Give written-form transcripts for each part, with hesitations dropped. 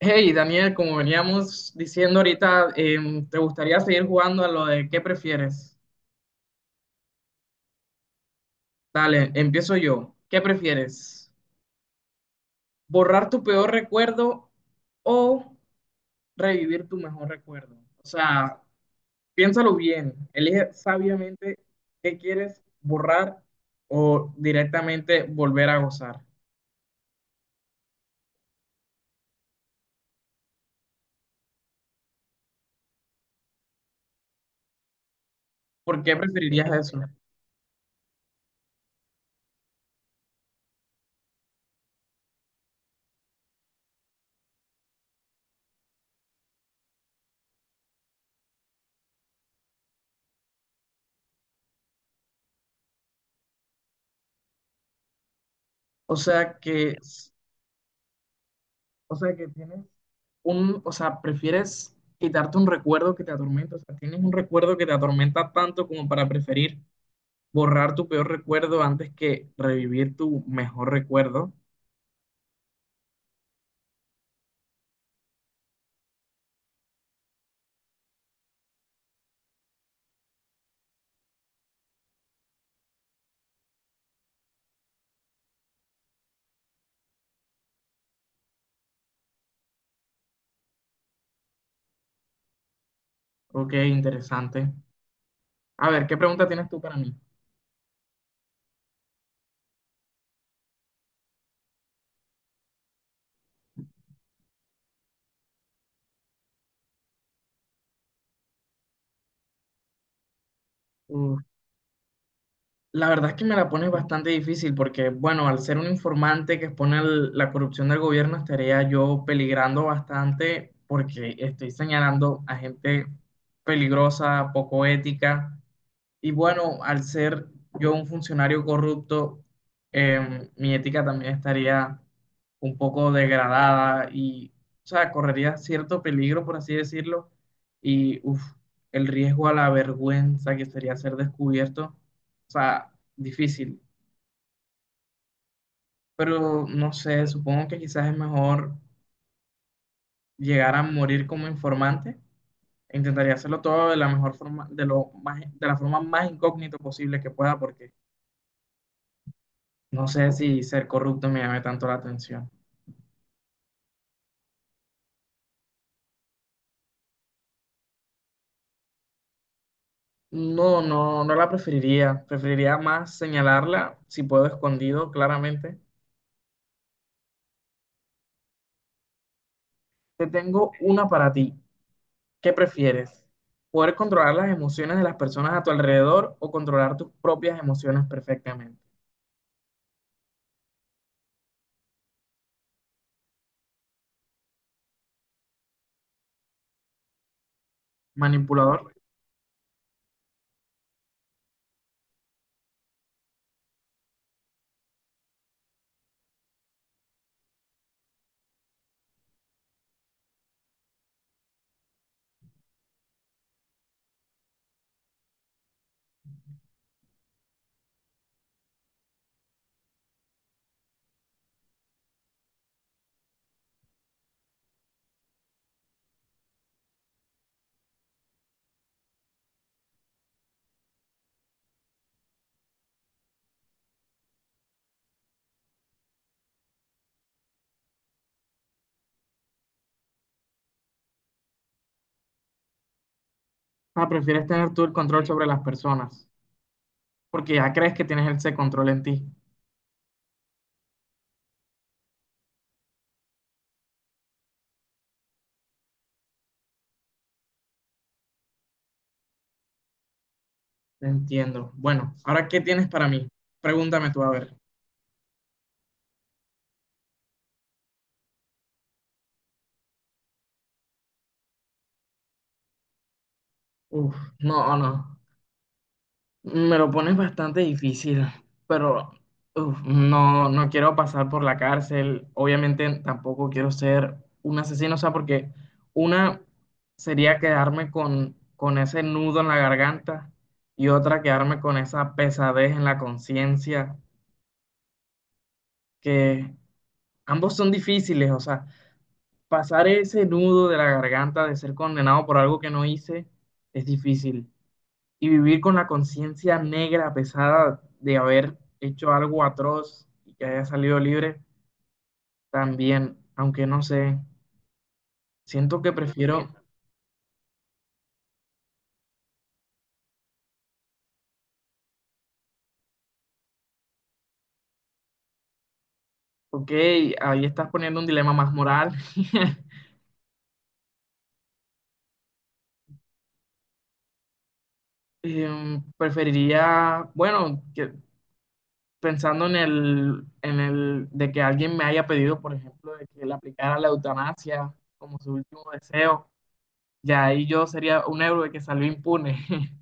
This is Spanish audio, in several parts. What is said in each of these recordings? Hey, Daniel, como veníamos diciendo ahorita, ¿te gustaría seguir jugando a lo de qué prefieres? Dale, empiezo yo. ¿Qué prefieres? ¿Borrar tu peor recuerdo o revivir tu mejor recuerdo? O sea, piénsalo bien, elige sabiamente qué quieres borrar o directamente volver a gozar. ¿Por qué preferirías eso? O sea, que O sea, que tienes un, o sea, prefieres quitarte un recuerdo que te atormenta. O sea, tienes un recuerdo que te atormenta tanto como para preferir borrar tu peor recuerdo antes que revivir tu mejor recuerdo. Ok, interesante. A ver, ¿qué pregunta tienes tú para mí? Uf, la verdad es que me la pones bastante difícil porque, bueno, al ser un informante que expone la corrupción del gobierno, estaría yo peligrando bastante porque estoy señalando a gente peligrosa, poco ética. Y bueno, al ser yo un funcionario corrupto, mi ética también estaría un poco degradada y, o sea, correría cierto peligro, por así decirlo, y uf, el riesgo a la vergüenza que sería ser descubierto, o sea, difícil. Pero no sé, supongo que quizás es mejor llegar a morir como informante. Intentaría hacerlo todo de la mejor forma, de lo más, de la forma más incógnito posible que pueda, porque no sé si ser corrupto me llame tanto la atención. No, no, no la preferiría. Preferiría más señalarla, si puedo, escondido, claramente. Te tengo una para ti. ¿Qué prefieres? ¿Poder controlar las emociones de las personas a tu alrededor o controlar tus propias emociones perfectamente? Manipulador. Ah, prefieres tener tú el control sobre las personas, porque ya crees que tienes ese control en ti. Entiendo. Bueno, ahora, ¿qué tienes para mí? Pregúntame tú, a ver. Uf, no, no. Me lo pones bastante difícil, pero uf, no, no quiero pasar por la cárcel. Obviamente tampoco quiero ser un asesino, o sea, porque una sería quedarme con ese nudo en la garganta y otra quedarme con esa pesadez en la conciencia, que ambos son difíciles, o sea, pasar ese nudo de la garganta de ser condenado por algo que no hice es difícil. Y vivir con la conciencia negra pesada de haber hecho algo atroz y que haya salido libre, también, aunque no sé, siento que prefiero, ok, ahí estás poniendo un dilema más moral. Eh, preferiría, bueno, que, pensando en el de que alguien me haya pedido, por ejemplo, de que le aplicara la eutanasia como su último deseo, ya ahí yo sería un héroe que salió impune.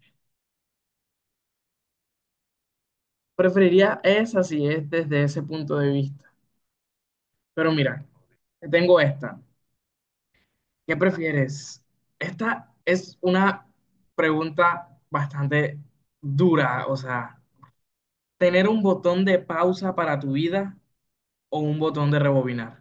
Preferiría esa si es desde ese punto de vista. Pero mira, tengo esta. ¿Qué prefieres? Esta es una pregunta bastante dura, o sea, tener un botón de pausa para tu vida o un botón de rebobinar.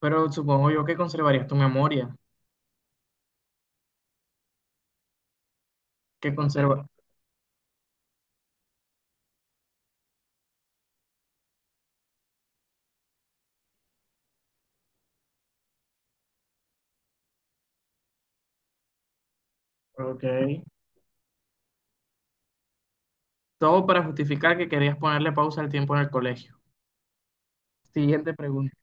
Pero supongo yo que conservarías tu memoria, que conserva. Ok. Todo para justificar que querías ponerle pausa al tiempo en el colegio. Siguiente pregunta.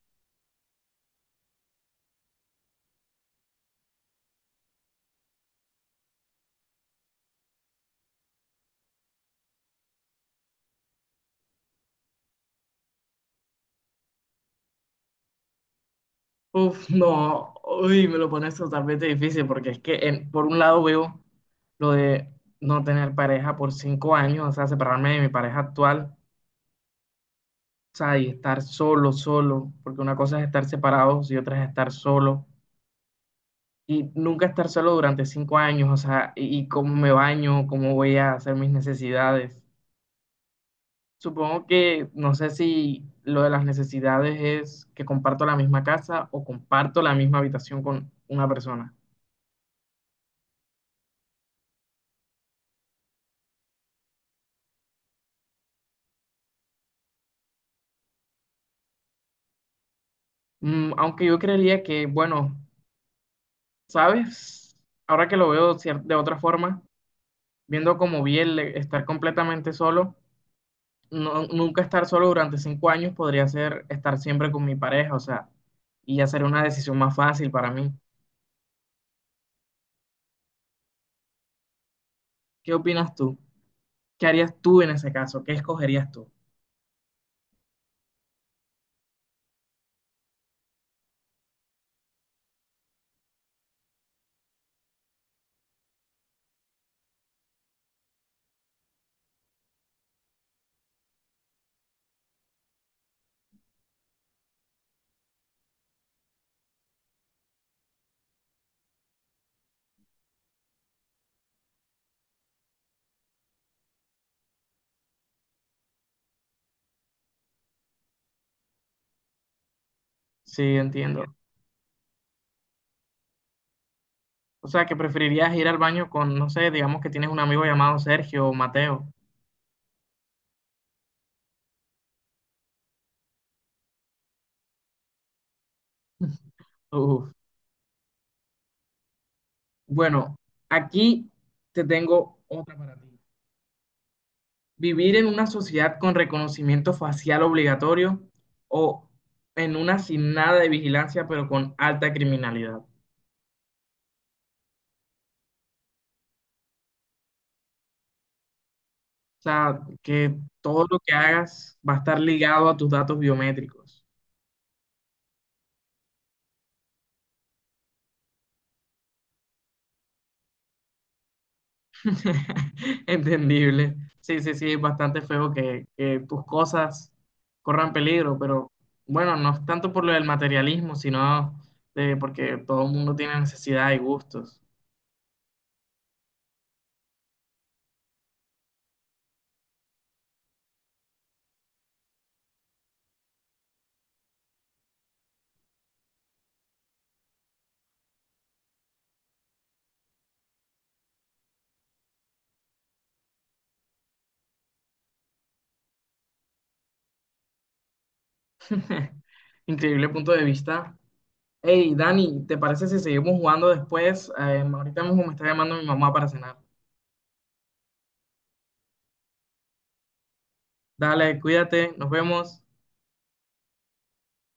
Uf, no, uy, me lo pones totalmente difícil porque es que por un lado veo lo de no tener pareja por 5 años, o sea, separarme de mi pareja actual, o sea, y estar solo, solo, porque una cosa es estar separados y otra es estar solo, y nunca estar solo durante 5 años, o sea, y cómo me baño, cómo voy a hacer mis necesidades. Supongo que, no sé si lo de las necesidades es que comparto la misma casa o comparto la misma habitación con una persona. Mm, aunque yo creería que, bueno, ¿sabes? Ahora que lo veo de otra forma, viendo como vi estar completamente solo, nunca estar solo durante cinco años podría ser estar siempre con mi pareja, o sea, y ya sería una decisión más fácil para mí. ¿Qué opinas tú? ¿Qué harías tú en ese caso? ¿Qué escogerías tú? Sí, entiendo. O sea, que preferirías ir al baño con, no sé, digamos que tienes un amigo llamado Sergio o Mateo. Uf. Bueno, aquí te tengo otra para ti. Vivir en una sociedad con reconocimiento facial obligatorio o en una sin nada de vigilancia, pero con alta criminalidad. O sea, que todo lo que hagas va a estar ligado a tus datos biométricos. Entendible. Sí, sí, sí, es bastante feo que tus cosas corran peligro, pero bueno, no es tanto por lo del materialismo, sino de porque todo el mundo tiene necesidad y gustos. Increíble punto de vista. Hey, Dani, ¿te parece si seguimos jugando después? Ahorita mismo me está llamando mi mamá para cenar. Dale, cuídate, nos vemos.